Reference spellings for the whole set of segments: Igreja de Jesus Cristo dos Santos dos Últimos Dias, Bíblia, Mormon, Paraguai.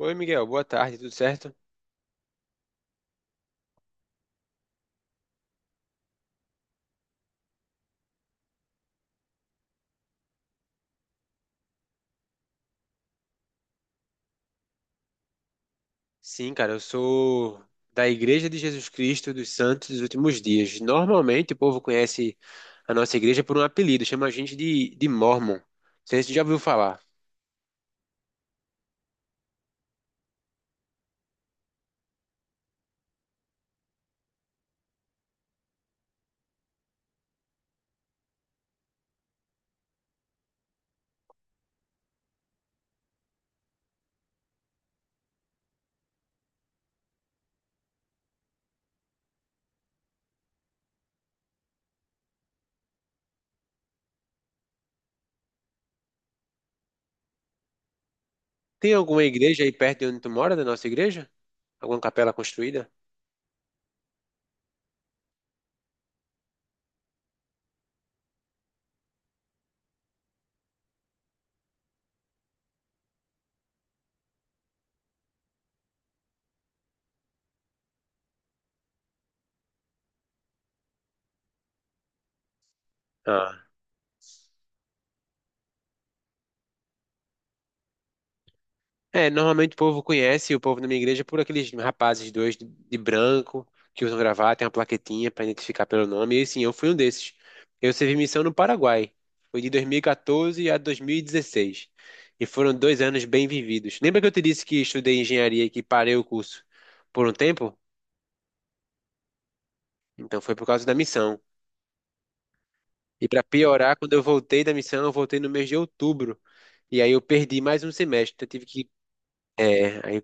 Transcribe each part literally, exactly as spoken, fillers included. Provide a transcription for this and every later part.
Oi, Miguel, boa tarde, tudo certo? Sim, cara, eu sou da Igreja de Jesus Cristo dos Santos dos Últimos Dias. Normalmente o povo conhece a nossa igreja por um apelido, chama a gente de, de Mormon. Não sei se você já ouviu falar. Tem alguma igreja aí perto de onde tu mora, da nossa igreja? Alguma capela construída? Ah. É, normalmente o povo conhece, o povo na minha igreja, por aqueles rapazes dois de, de branco que usam gravata, tem uma plaquetinha para identificar pelo nome. E sim, eu fui um desses. Eu servi missão no Paraguai. Foi de dois mil e quatorze a dois mil e dezesseis. E dezesseis. E foram dois anos bem vividos. Lembra que eu te disse que estudei engenharia e que parei o curso por um tempo? Então foi por causa da missão. E para piorar, quando eu voltei da missão, eu voltei no mês de outubro. E aí eu perdi mais um semestre. Então eu tive que. É, aí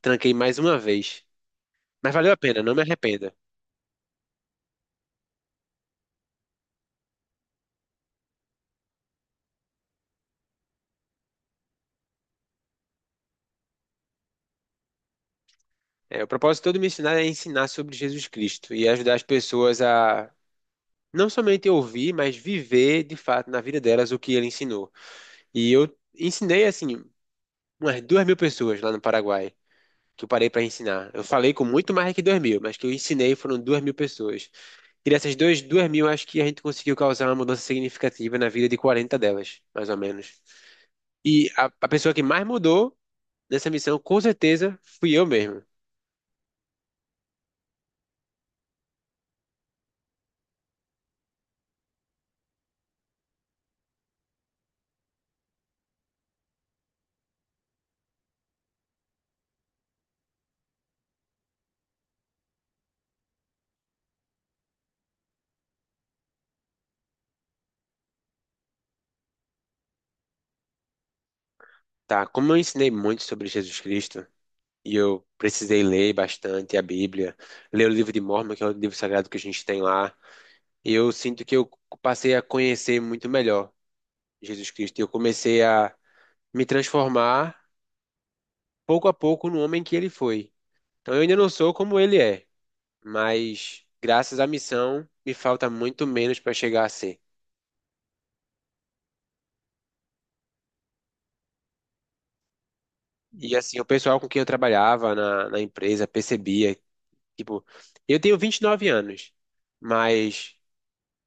tranquei mais uma vez. Mas valeu a pena, não me arrependa. É, o propósito todo de me ensinar é ensinar sobre Jesus Cristo e ajudar as pessoas a não somente ouvir, mas viver de fato na vida delas o que ele ensinou. E eu ensinei, assim, umas duas mil pessoas lá no Paraguai que eu parei para ensinar. Eu falei com muito mais que duas mil, mas que eu ensinei foram duas mil pessoas. E dessas dois, duas mil, acho que a gente conseguiu causar uma mudança significativa na vida de quarenta delas, mais ou menos. E a, a pessoa que mais mudou nessa missão, com certeza, fui eu mesmo. Tá, como eu ensinei muito sobre Jesus Cristo, e eu precisei ler bastante a Bíblia, ler o livro de Mormon, que é o livro sagrado que a gente tem lá, eu sinto que eu passei a conhecer muito melhor Jesus Cristo, e eu comecei a me transformar pouco a pouco no homem que ele foi. Então eu ainda não sou como ele é, mas graças à missão me falta muito menos para chegar a ser. E assim, o pessoal com quem eu trabalhava na, na empresa percebia, tipo, eu tenho vinte e nove anos, mas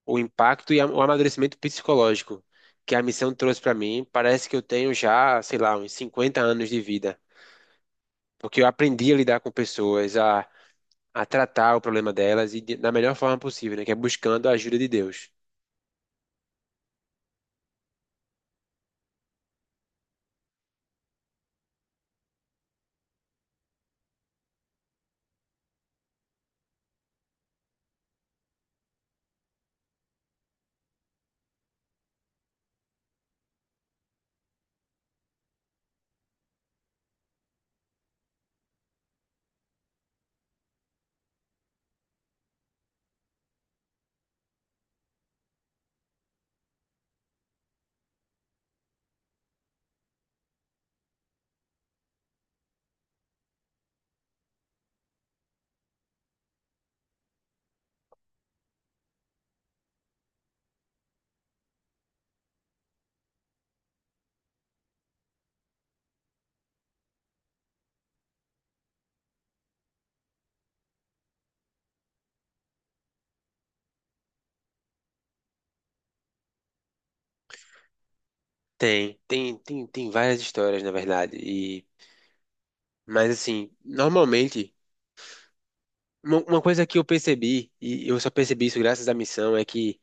o impacto e a- o amadurecimento psicológico que a missão trouxe para mim, parece que eu tenho já, sei lá, uns cinquenta anos de vida, porque eu aprendi a lidar com pessoas, a, a tratar o problema delas e de- da melhor forma possível, né, que é buscando a ajuda de Deus. Tem, tem, tem, tem várias histórias, na verdade, e mas assim, normalmente uma, uma coisa que eu percebi e eu só percebi isso graças à missão é que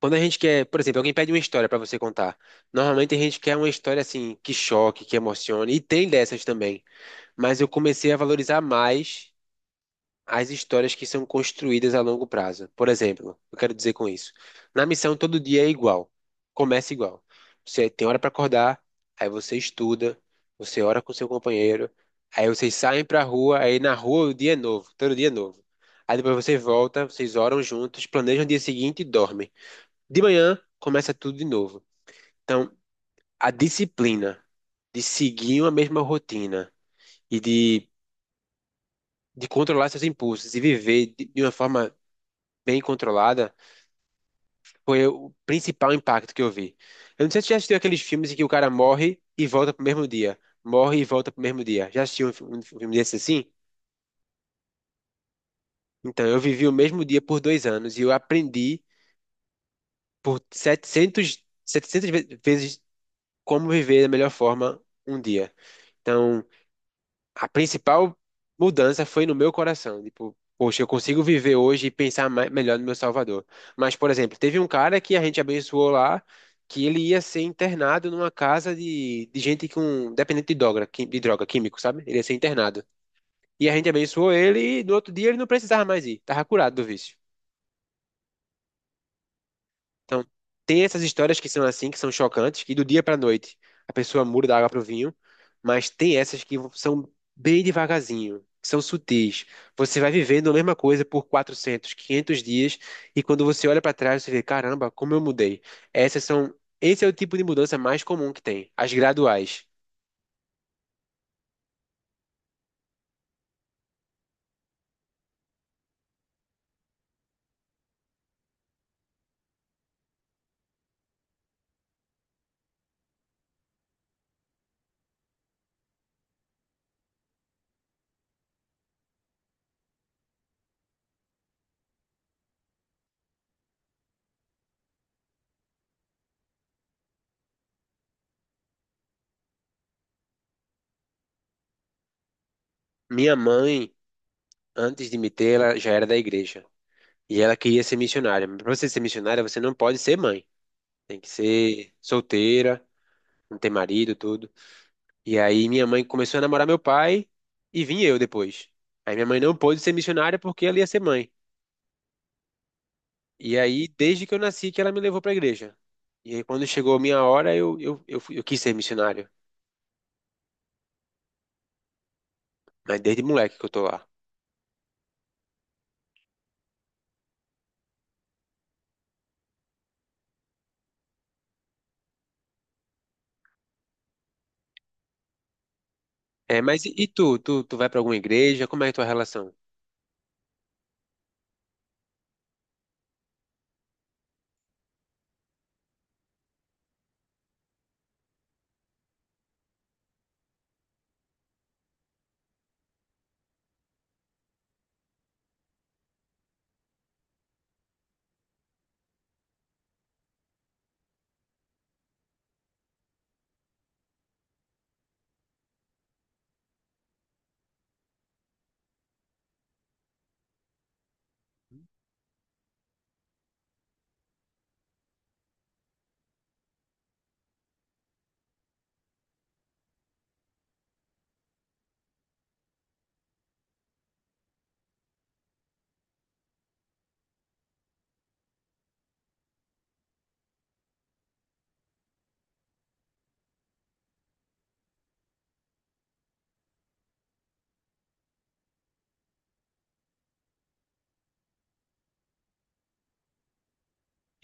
quando a gente quer, por exemplo, alguém pede uma história pra você contar. Normalmente a gente quer uma história assim que choque, que emocione, e tem dessas também. Mas eu comecei a valorizar mais as histórias que são construídas a longo prazo. Por exemplo, eu quero dizer com isso. Na missão todo dia é igual. Começa igual. Você tem hora pra acordar, aí você estuda, você ora com seu companheiro, aí vocês saem pra rua, aí na rua o dia é novo, todo dia é novo. Aí depois você volta, vocês oram juntos, planejam o dia seguinte e dormem. De manhã começa tudo de novo. Então, a disciplina de seguir uma mesma rotina e de, de controlar seus impulsos e viver de, de uma forma bem controlada foi o principal impacto que eu vi. Eu não sei se você já assistiu aqueles filmes em que o cara morre e volta pro mesmo dia. Morre e volta pro mesmo dia. Já assistiu um, fi- um filme desse assim? Então, eu vivi o mesmo dia por dois anos e eu aprendi por setecentas, setecentas ve- vezes como viver da melhor forma um dia. Então, a principal mudança foi no meu coração. Tipo, poxa, eu consigo viver hoje e pensar mais, melhor no meu Salvador. Mas, por exemplo, teve um cara que a gente abençoou lá, que ele ia ser internado numa casa de, de gente com dependente de droga, qui- de droga, químico, sabe? Ele ia ser internado. E a gente abençoou ele e no outro dia ele não precisava mais ir, tava curado do vício. Então, tem essas histórias que são assim, que são chocantes, que do dia pra noite a pessoa muda da água pro vinho, mas tem essas que são bem devagarzinho, que são sutis. Você vai vivendo a mesma coisa por quatrocentos, quinhentos dias e quando você olha pra trás você vê, caramba, como eu mudei. Essas são, esse é o tipo de mudança mais comum que tem, as graduais. Minha mãe, antes de me ter, ela já era da igreja e ela queria ser missionária. Mas pra você ser missionária, você não pode ser mãe. Tem que ser solteira, não ter marido, tudo. E aí minha mãe começou a namorar meu pai e vim eu depois. Aí minha mãe não pôde ser missionária porque ela ia ser mãe. E aí, desde que eu nasci, que ela me levou pra igreja. E aí, quando chegou a minha hora, eu, eu, eu, fui- eu quis ser missionário. Mas desde moleque que eu tô lá. É, mas e, e tu? Tu, tu vai pra alguma igreja? Como é a tua relação?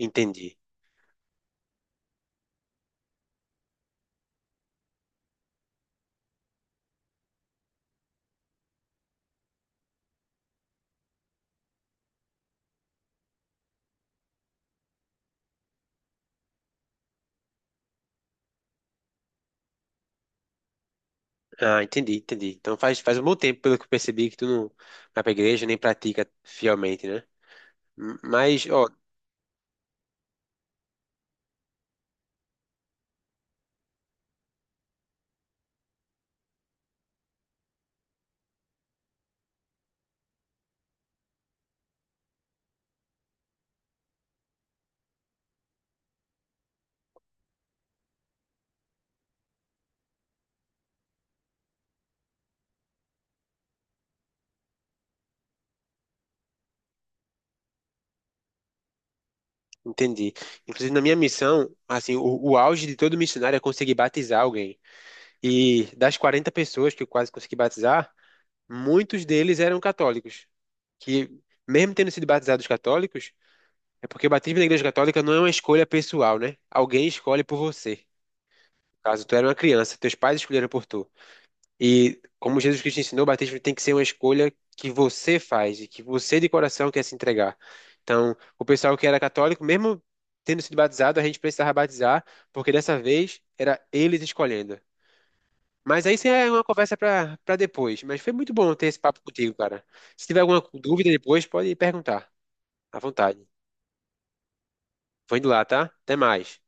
Entendi. Ah, entendi, entendi. Então faz, faz um bom tempo, pelo que eu percebi, que tu não vai pra igreja nem pratica fielmente, né? M- Mas, ó, entendi. Inclusive, na minha missão, assim, o, o auge de todo missionário é conseguir batizar alguém. E das quarenta pessoas que eu quase consegui batizar, muitos deles eram católicos. Que, mesmo tendo sido batizados católicos, é porque o batismo na igreja católica não é uma escolha pessoal, né? Alguém escolhe por você. Caso tu era uma criança, teus pais escolheram por tu. E como Jesus Cristo ensinou, o batismo tem que ser uma escolha que você faz e que você de coração quer se entregar. Então, o pessoal que era católico, mesmo tendo sido batizado, a gente precisava batizar, porque dessa vez era eles escolhendo. Mas aí isso é uma conversa para para depois. Mas foi muito bom ter esse papo contigo, cara. Se tiver alguma dúvida depois, pode perguntar, à vontade. Vou indo lá, tá? Até mais.